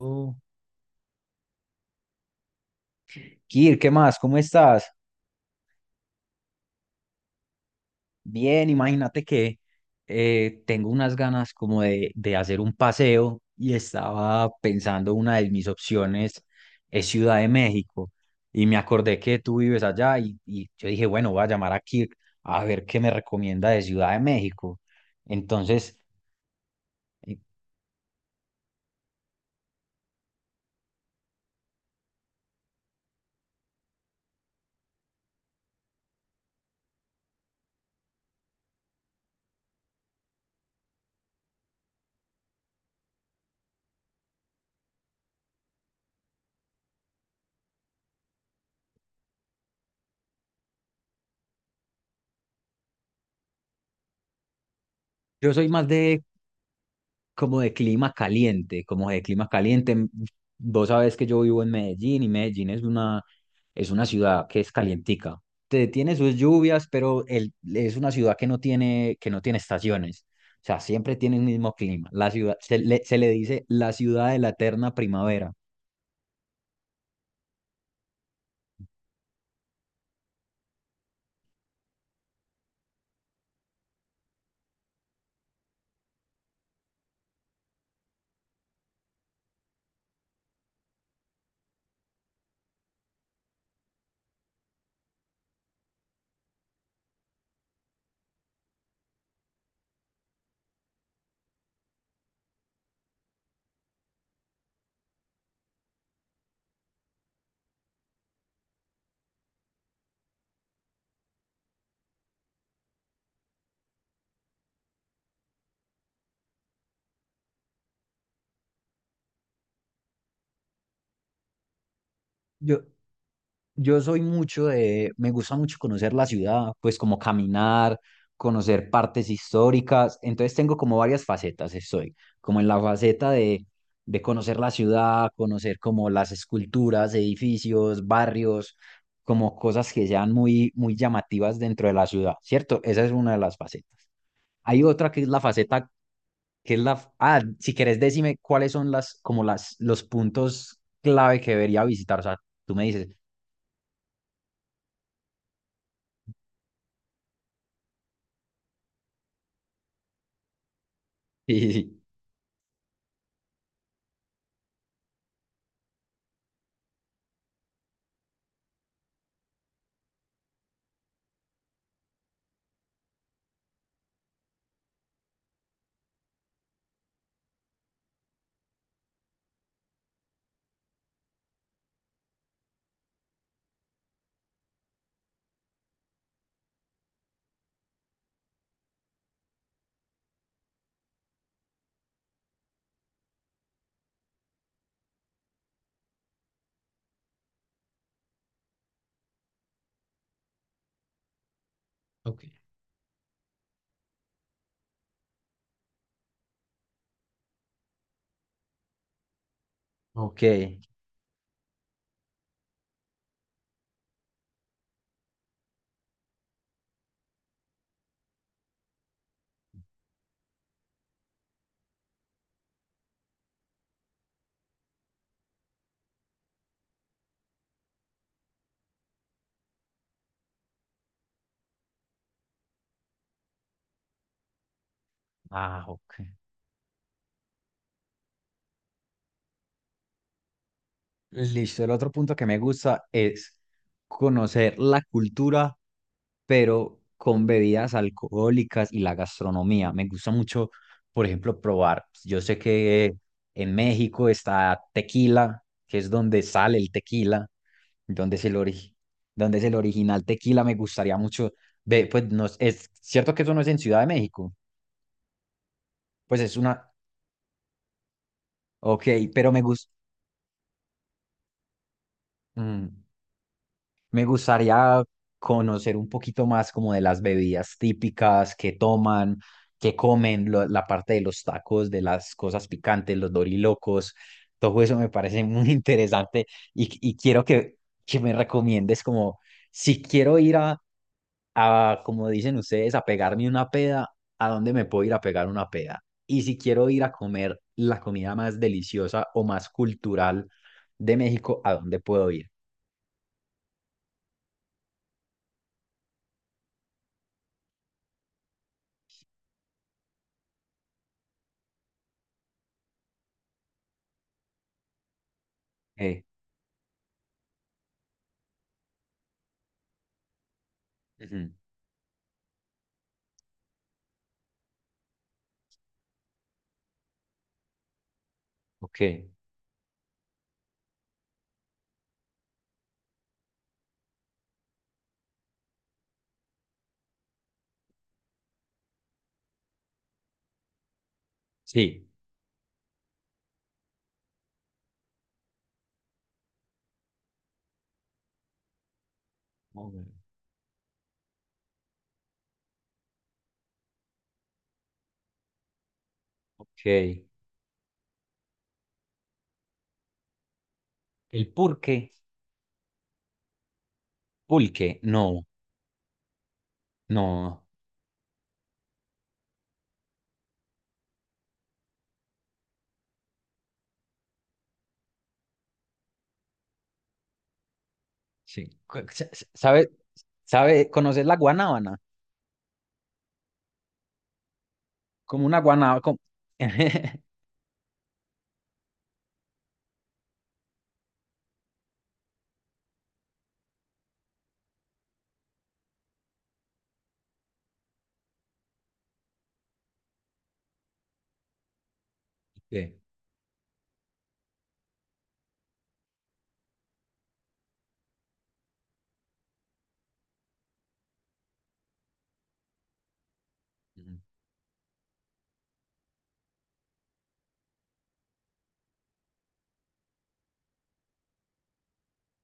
Oh. Kir, ¿qué más? ¿Cómo estás? Bien, imagínate que tengo unas ganas como de hacer un paseo y estaba pensando una de mis opciones es Ciudad de México y me acordé que tú vives allá y yo dije, bueno, voy a llamar a Kir a ver qué me recomienda de Ciudad de México. Entonces, eh, yo soy más de como de clima caliente, como de clima caliente. Vos sabés que yo vivo en Medellín y Medellín es una ciudad que es calientica. Tiene sus lluvias, pero es una ciudad que no tiene estaciones. O sea, siempre tiene el mismo clima. La ciudad, se le dice la ciudad de la eterna primavera. Yo, Yo soy mucho de, me gusta mucho conocer la ciudad, pues como caminar, conocer partes históricas. Entonces tengo como varias facetas, estoy como en la faceta de conocer la ciudad, conocer como las esculturas, edificios, barrios, como cosas que sean muy, muy llamativas dentro de la ciudad, ¿cierto? Esa es una de las facetas. Hay otra que es la faceta, que es la, si querés decime cuáles son como los puntos clave que debería visitar. O sea, tú me dices. Sí, sí, sí. Ok. Ok. Ah, ok, listo. El otro punto que me gusta es conocer la cultura, pero con bebidas alcohólicas y la gastronomía. Me gusta mucho, por ejemplo, probar. Yo sé que en México está tequila, que es donde sale el tequila, donde donde es el original tequila. Me gustaría mucho ve, pues no es cierto que eso no es en Ciudad de México. Pues es una, ok, pero me gusta. Me gustaría conocer un poquito más como de las bebidas típicas que toman, que comen, la parte de los tacos, de las cosas picantes, los dorilocos. Todo eso me parece muy interesante y quiero que me recomiendes como si quiero ir a, como dicen ustedes, a pegarme una peda, ¿a dónde me puedo ir a pegar una peda? Y si quiero ir a comer la comida más deliciosa o más cultural de México, ¿a dónde puedo ir? Eh, ujú. Ok. Sí. Joder. Ok. El pulque, pulque, no, no, sí. ¿Sabe, sabe, conoces la guanábana? Como una guanábana. Como… Sí. Ujú.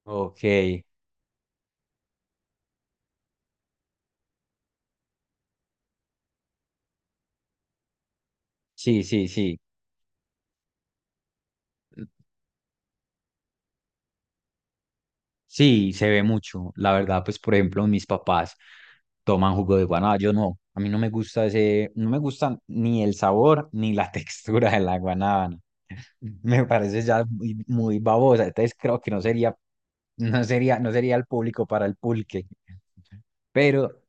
Ok, sí, sí, sí. Sí, se ve mucho. La verdad, pues, por ejemplo, mis papás toman jugo de guanábana. Yo no, a mí no me gusta ese, no me gusta ni el sabor ni la textura de la guanábana. Me parece ya muy, muy babosa. Entonces creo que no sería. No sería, no sería el público para el pulque. Pero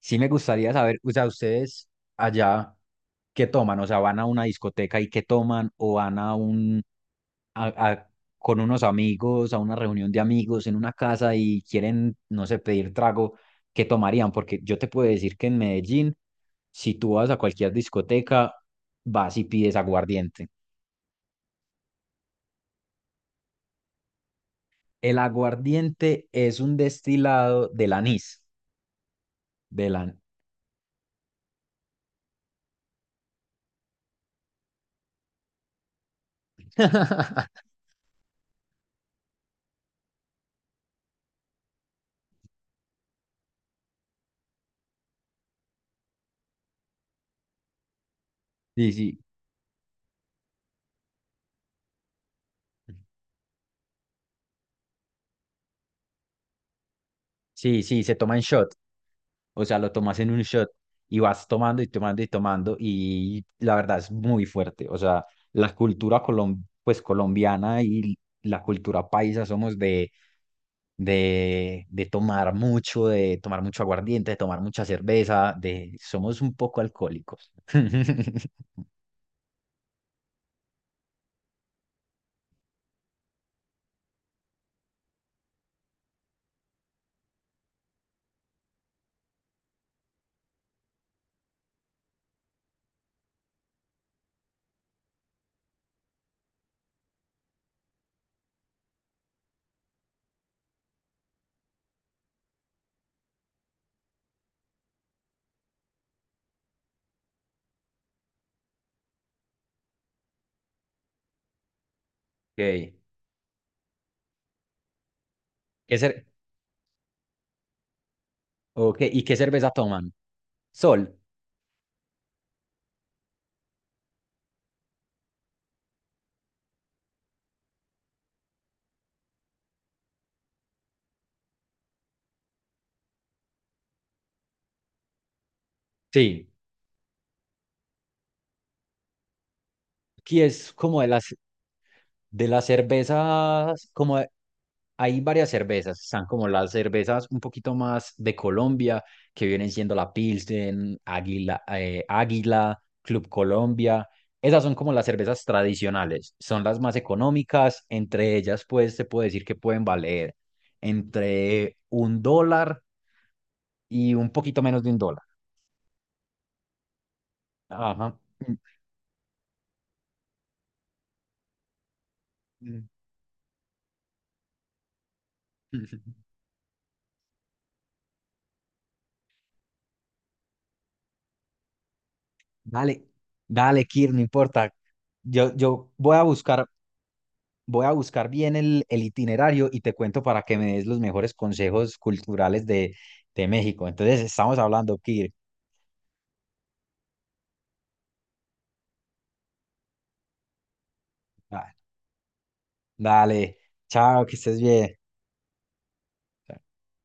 sí me gustaría saber, o sea, ustedes allá, ¿qué toman? O sea, ¿van a una discoteca y qué toman? ¿O van a un, a- a- con unos amigos, a una reunión de amigos en una casa y quieren, no sé, pedir trago? ¿Qué tomarían? Porque yo te puedo decir que en Medellín, si tú vas a cualquier discoteca, vas y pides aguardiente. El aguardiente es un destilado del anís, del anís. Sí, sí. Sí, sí, se toma en shot. O sea, lo tomas en un shot y vas tomando y tomando y tomando y la verdad es muy fuerte. O sea, pues, colombiana y la cultura paisa somos de, de tomar mucho, de tomar mucho aguardiente, de tomar mucha cerveza, de somos un poco alcohólicos. Okay. ¿Qué cer- ok, ¿y qué cerveza toman? Sol. Sí. Aquí es como de las. De las cervezas, como de- hay varias cervezas, están como las cervezas un poquito más de Colombia, que vienen siendo la Pilsen, Águila, Águila, Club Colombia. Esas son como las cervezas tradicionales, son las más económicas, entre ellas pues se puede decir que pueden valer entre un dólar y un poquito menos de un dólar. Ajá. Mm, mm. Dale, dale, Kir, no importa. Yo voy a buscar Voy a buscar bien el itinerario y te cuento para que me des los mejores consejos culturales de México. Entonces, estamos hablando, Kir. Ah, dale, chao, que estés bien.